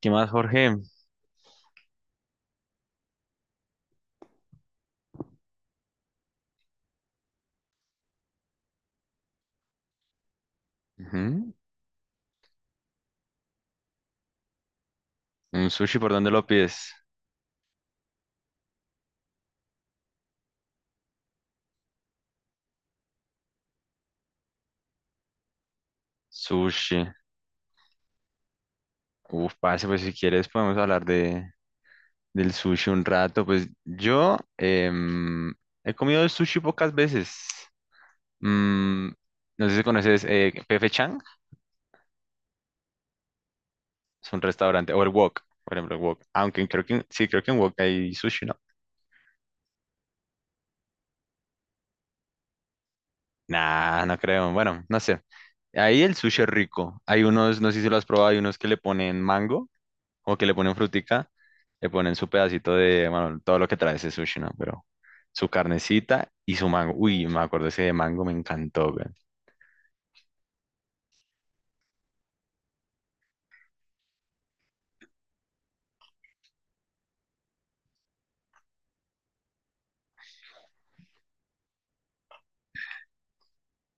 ¿Qué más, Jorge? Ujú. ¿Un sushi por dónde lo pides? Sushi. Uf, pase, pues si quieres podemos hablar del sushi un rato. Pues yo he comido el sushi pocas veces. Mm, no sé si conoces P.F. Chang, es un restaurante, o el Wok, por ejemplo, el Wok. Aunque creo que, sí, creo que en Wok hay sushi, ¿no? Nah, no creo. Bueno, no sé. Ahí el sushi es rico. Hay unos, no sé si lo has probado, hay unos que le ponen mango. Como que le ponen frutica, le ponen su pedacito de, bueno, todo lo que trae ese sushi, ¿no? Pero su carnecita y su mango. Uy, me acuerdo ese de mango, me encantó, güey.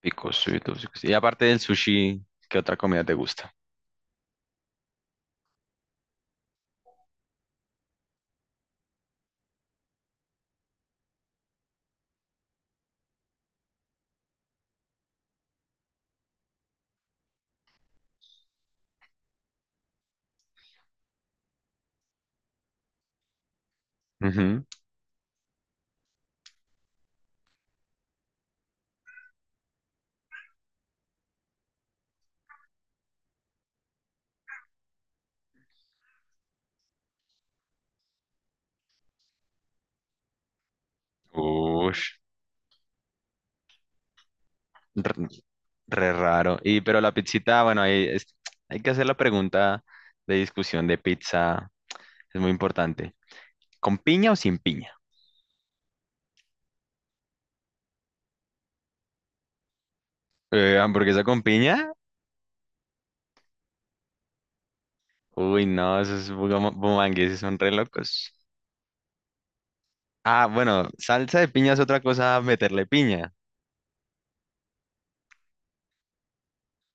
Picosito, picosito. Y aparte del sushi, ¿qué otra comida te gusta? Ujú. Ush, r- re, raro. Y pero la pizzita, bueno, hay que hacer la pregunta de discusión de pizza. Es muy importante. ¿Con piña o sin piña? ¿Hamburguesa con piña? Uy, no, esos bumangueses son re locos. Ah, bueno, salsa de piña es otra cosa meterle piña,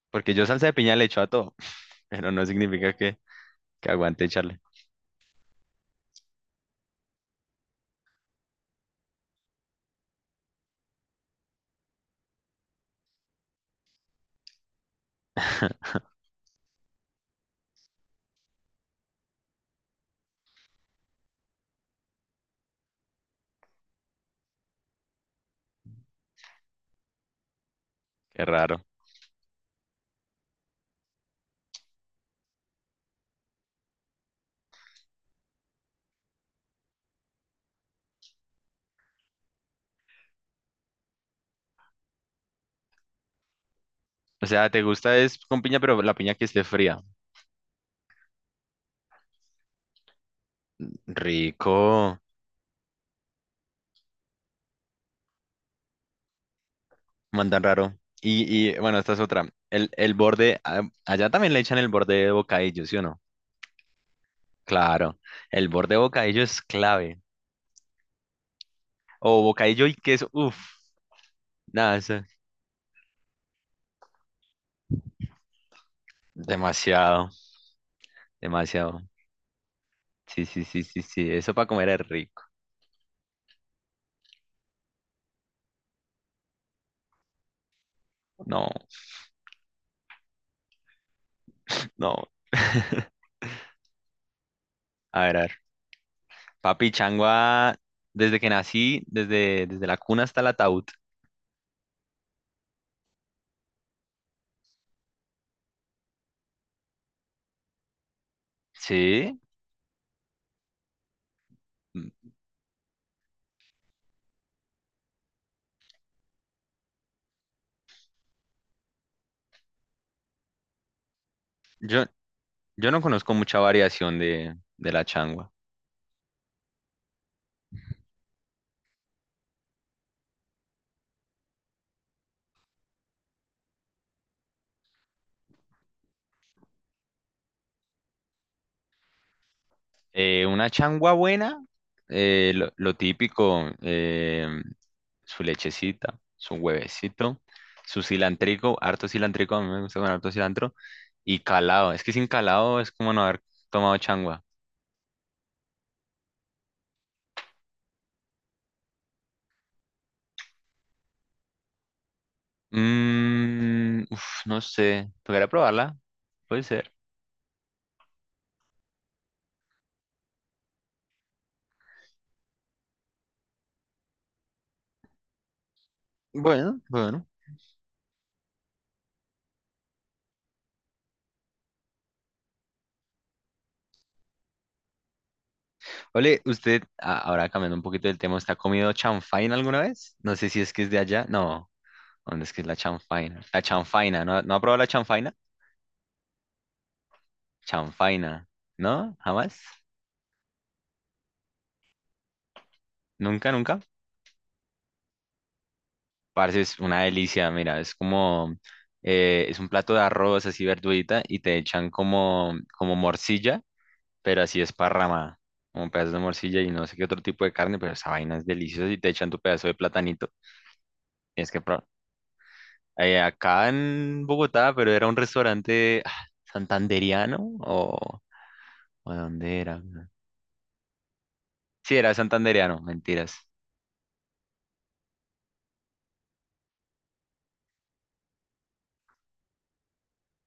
porque yo salsa de piña le echo a todo, pero no significa que aguante echarle. Qué raro. O sea, te gusta es con piña, pero la piña que esté fría. Rico, mandan raro. Y bueno, esta es otra. El borde, ah, allá también le echan el borde de bocadillo, ¿sí o no? Claro, el borde de bocadillo es clave. O bocadillo y queso, uff, nada, eso es demasiado, demasiado. Sí, sí, sí, sí, sí, eso para comer es rico. No, no. A ver, a ver. Papi Changua, desde que nací, desde la cuna hasta el ataúd. Sí. Mm, Yo, yo no conozco mucha variación de la changua. Una changua buena, lo típico, su lechecita, su huevecito, su cilantrico, harto cilantrico, a mí me gusta con harto cilantro, y calado. Es que sin calado es como no haber tomado changua. Mm, uf, no sé. Tocará probarla. Puede ser. Bueno, bueno. Ole, usted, ahora cambiando un poquito del tema, ¿usted ha comido chanfaina alguna vez? No sé si es que es de allá. No, ¿dónde es que es la chanfaina? La chanfaina, ¿no, no ha probado la chanfaina? Chanfaina, ¿no? ¿Jamás? ¿Nunca, nunca? Parce, es una delicia, mira, es como, es un plato de arroz así verdurita y te echan como, como morcilla pero así esparramada, como pedazos de morcilla y no sé qué otro tipo de carne, pero esa vaina es deliciosa y te echan tu pedazo de platanito. Tienes que probar. Acá en Bogotá, pero era un restaurante ah, santanderiano o, ¿o dónde era? Sí, era santanderiano, mentiras.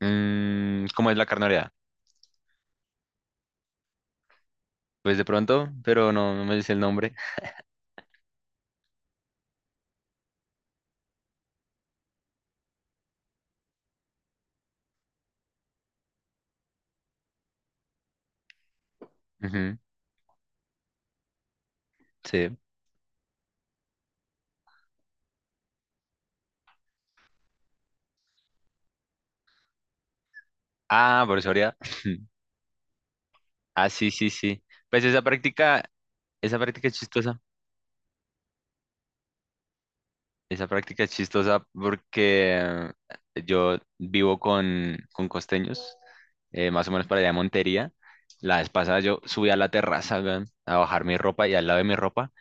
Mm, ¿cómo es la carne oreada? Pues de pronto, pero no, no me dice el nombre. Ujú, sí. Ah, por eso oreada. Ah, sí, sí, sí. Pues esa práctica es chistosa. Esa práctica es chistosa porque yo vivo con costeños, más o menos para allá de Montería. La vez pasada yo subí a la terraza, weón, a bajar mi ropa y al lado de mi ropa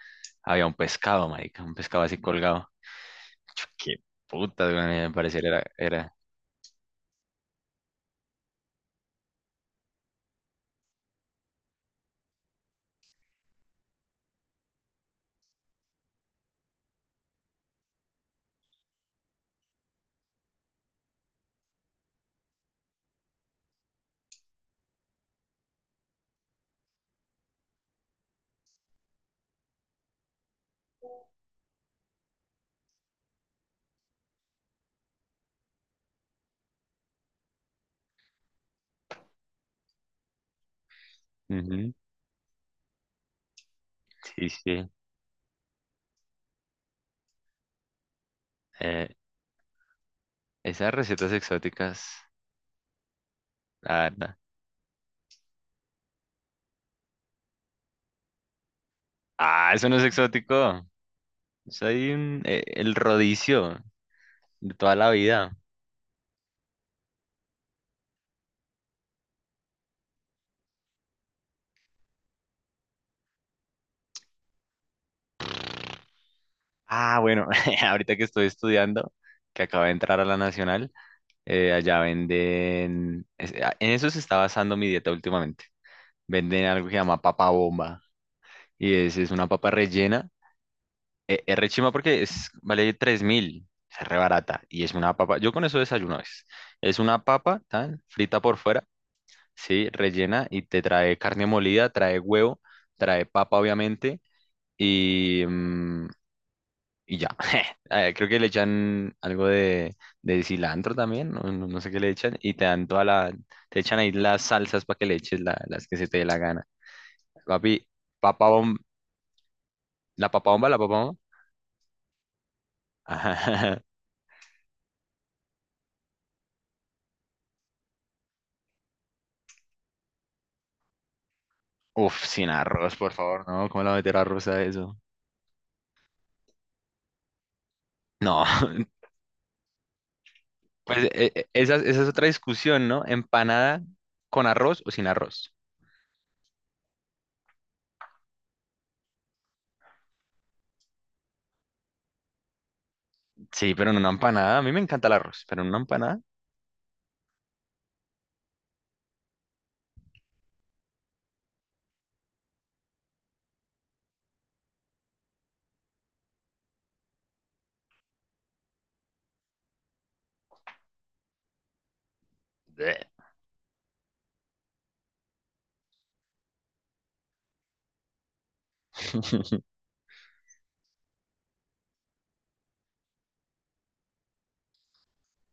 había un pescado, marica, un pescado así colgado. Yo, qué puta, me parecer era. Ujú, sí, sí. Eh, esas recetas exóticas, la verdad. Ah, eso no es exótico. Es ahí el rodicio de toda la vida. Ah, bueno, ahorita que estoy estudiando, que acabo de entrar a la Nacional, allá venden, en eso se está basando mi dieta últimamente. Venden algo que se llama papa bomba y es una papa rellena. Eh, es re chimba porque es, vale 3.000, es re barata y es una papa, yo con eso desayuno es una papa tan frita por fuera, sí, rellena y te trae carne molida, trae huevo, trae papa obviamente y, mm, y ya. Creo que le echan algo de cilantro también, no sé qué le echan, y te dan toda la, te echan ahí las salsas para que le eches las que se te dé la gana. Papi, papa bomba, la papa bomba, la papa bomba. Ajá. Uf, sin arroz, por favor, ¿no? ¿Cómo la meter arroz a eso? No, pues esa es otra discusión, ¿no? Empanada con arroz o sin arroz. Sí, pero en una empanada, a mí me encanta el arroz, pero en una empanada, bleh.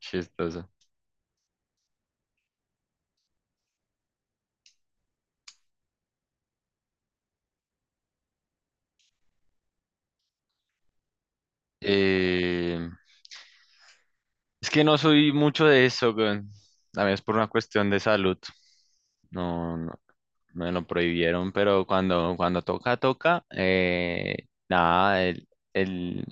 chistoso. Eh, Es que no soy mucho de eso, weón. También es por una cuestión de salud. No, no, me lo prohibieron, pero cuando, cuando toca, toca. Eh, nada, el...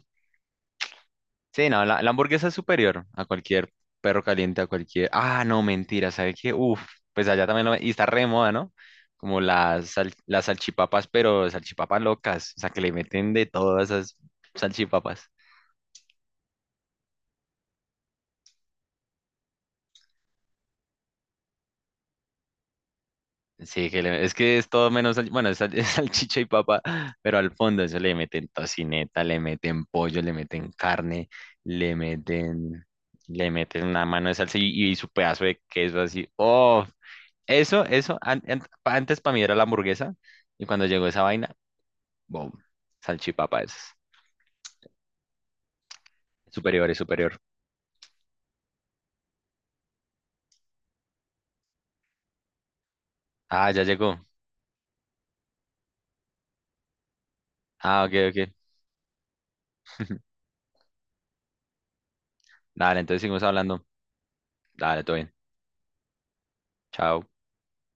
Sí, no, la hamburguesa es superior a cualquier perro caliente, a cualquier... Ah, no, mentira, ¿sabes qué? Uf, pues allá también lo... Y está re de moda, ¿no? Como las, las salchipapas, pero salchipapas locas. O sea, que le meten de todas esas salchipapas. Sí, que es que es todo menos, es salchicha y papa, pero al fondo eso le meten tocineta, le meten pollo, le meten carne, le meten, le meten una mano de salsa y su pedazo de queso así. Oh, eso, an- an- pa- antes para mí era la hamburguesa y cuando llegó esa vaina, boom, salchipapa es superior, es superior. Ah, ya llegó. Ah, ok, ok. Dale, entonces seguimos hablando. Dale, todo bien. Chao.